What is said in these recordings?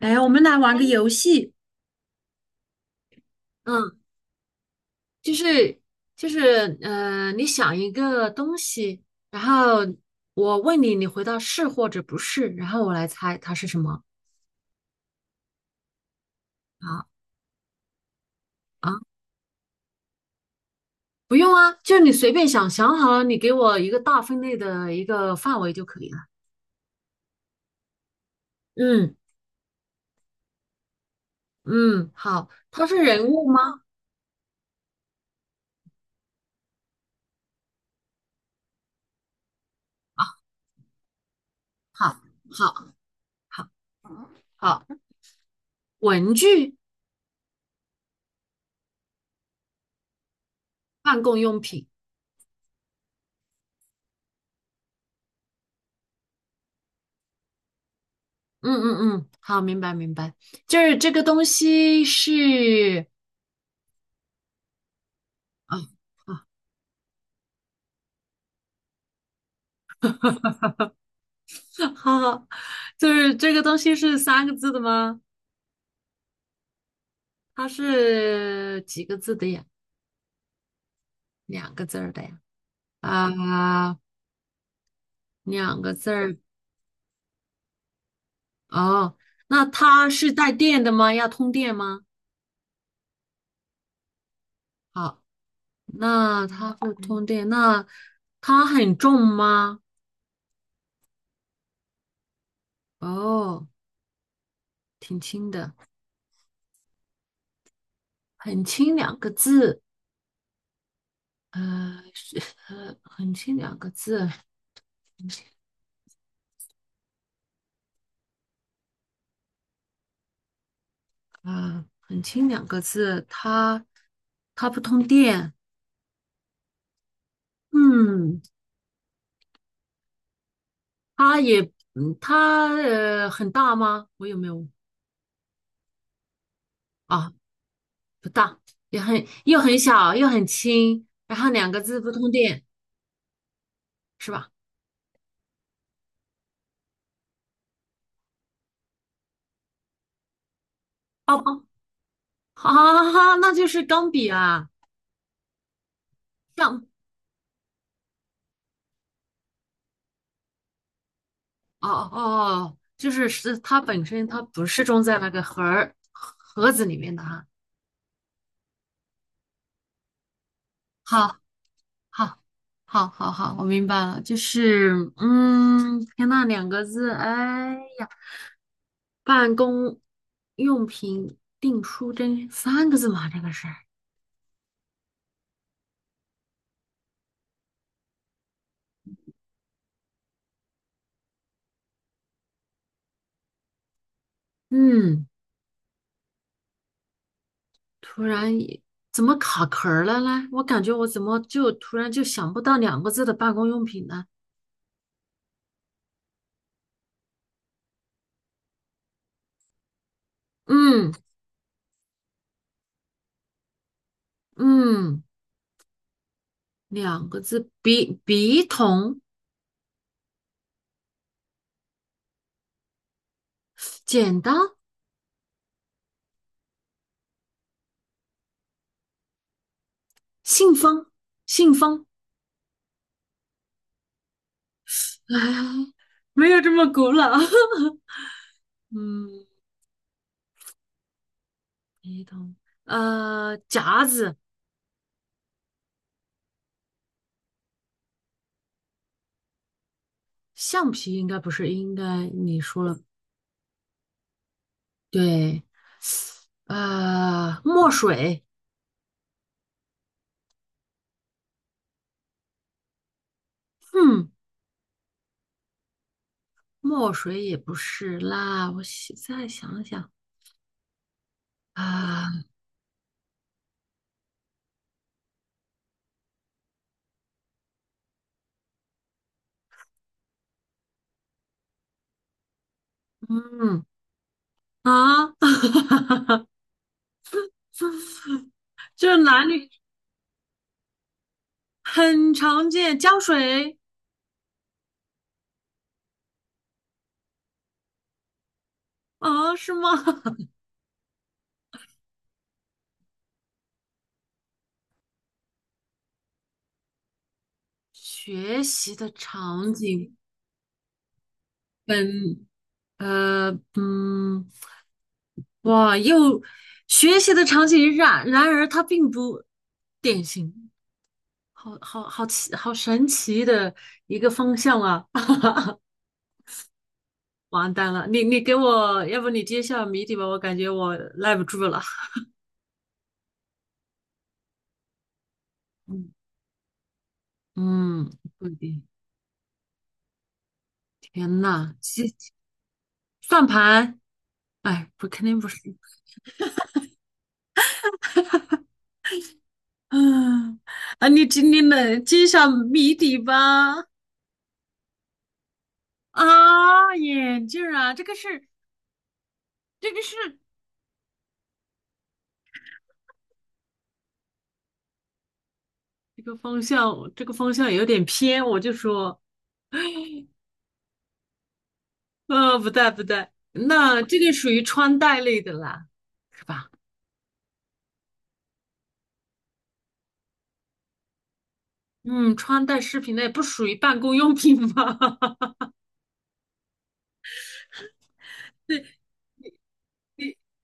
哎，我们来玩个游戏。嗯，就是就是，你想一个东西，然后我问你，你回答是或者不是，然后我来猜它是什么啊啊？不用啊，就你随便想，想好了你给我一个大分类的一个范围就可以了。嗯嗯，好，它是人物吗？啊，好，好，好，好，文具、办公用品。嗯嗯嗯，好，明白明白，就是这个东西是。啊啊，好好，就是这个东西是三个字的吗？它是几个字的呀？两个字儿的呀？啊，两个字儿。哦，那它是带电的吗？要通电吗？好，那它不通电，那它很重吗？哦，挺轻的，很轻两个字，是很轻两个字啊，很轻两个字，它不通电。嗯，它也，它很大吗？我有没有啊？不大，也很又很小又很轻，然后两个字不通电，是吧？哦哦，啊，那就是钢笔啊，钢，哦哦哦，就是它本身它不是装在那个盒子里面的哈。好。好，好，好，好，我明白了，就是，天呐，两个字，哎呀，办公用品订书针三个字嘛，这个是，嗯，突然也怎么卡壳儿了呢？我感觉我怎么就突然就想不到两个字的办公用品呢？嗯嗯，两个字，笔筒，剪刀，信封，信封，哎，没有这么古老。嗯，一桶，夹子，橡皮应该不是，应该你说了，对，墨水，嗯，墨水也不是啦，我想再想想啊，嗯啊，这男女很常见，胶水啊，是吗？学习的场景本。呃，嗯，哇，又学习的场景然而它并不典型，好好奇，好神奇的一个方向啊！完蛋了，你给我，要不你揭晓谜底吧，我感觉我耐不住了。嗯嗯，不一定。天呐，算盘，哎，不，肯定不是。嗯你今天能揭晓谜底吧？啊，眼镜儿啊，这个是这个方向，这个方向有点偏，我就说，不带不带，那这个属于穿戴类的啦，是吧？嗯，穿戴饰品类不属于办公用品吧？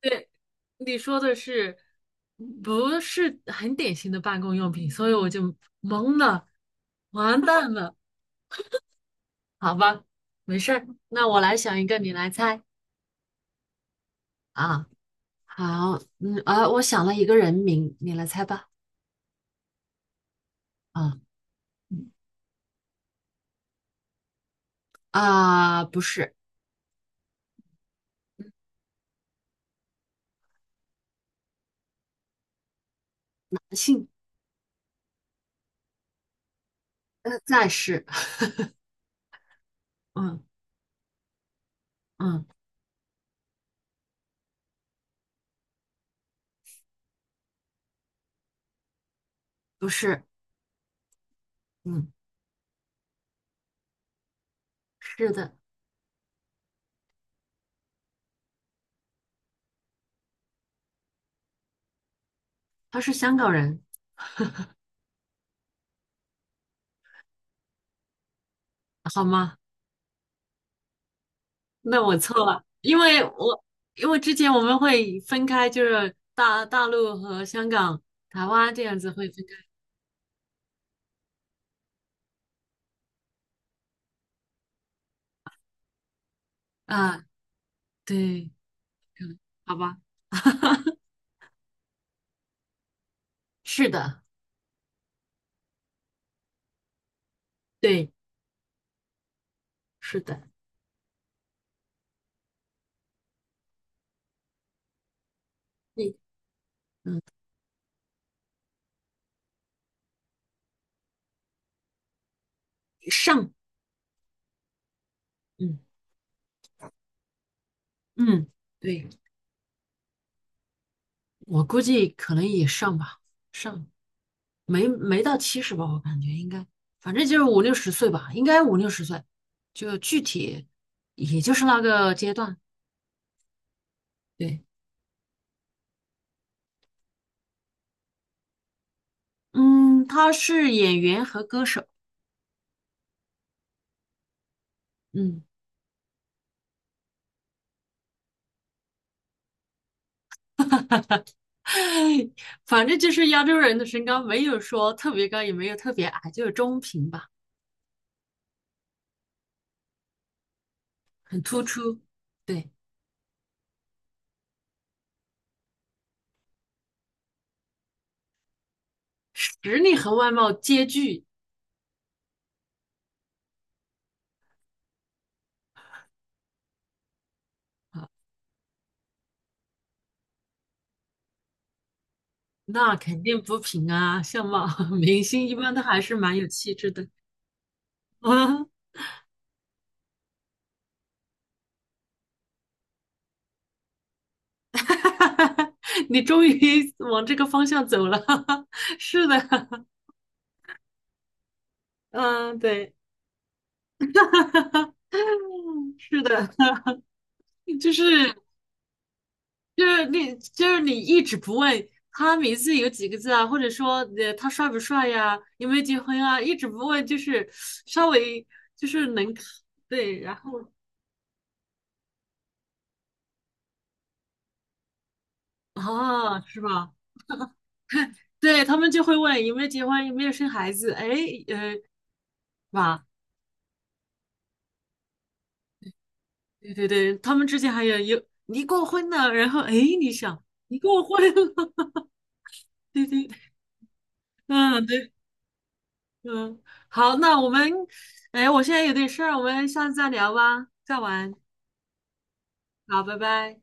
对，你说的是，不是很典型的办公用品，所以我就懵了，完蛋了，好吧，没事儿，那我来想一个，你来猜啊。好，我想了一个人名，你来猜吧。啊嗯，不是。姓。暂时，嗯嗯，不是，嗯，是的，他是香港人，好吗？那我错了，因为之前我们会分开，就是大陆和香港、台湾这样子会分开啊，对，嗯，好吧，是的，对，是的，对，嗯，上，嗯嗯，对，我估计可能也上吧，上。没到七十吧，我感觉应该，反正就是五六十岁吧，应该五六十岁，就具体也就是那个阶段。对，嗯，他是演员和歌手，嗯，反正就是亚洲人的身高没有说特别高，也没有特别矮，就是中平吧，很突出。对，实力和外貌皆具，那肯定不平啊，相貌 明星一般都还是蛮有气质的。哈哈哈哈你终于往这个方向走了，是的，嗯，对，嗯，是的，就是就是你就是你一直不问他名字有几个字啊，或者说他帅不帅呀，有没有结婚啊，一直不问，就是稍微就是能对，然后啊是吧？对他们就会问有没有结婚，有没有生孩子，哎呃吧，对对对，他们之间还有离过婚呢，然后哎你想离过婚。对对，嗯，对，嗯，好，那我们，哎，我现在有点事儿，我们下次再聊吧，再玩，好，拜拜。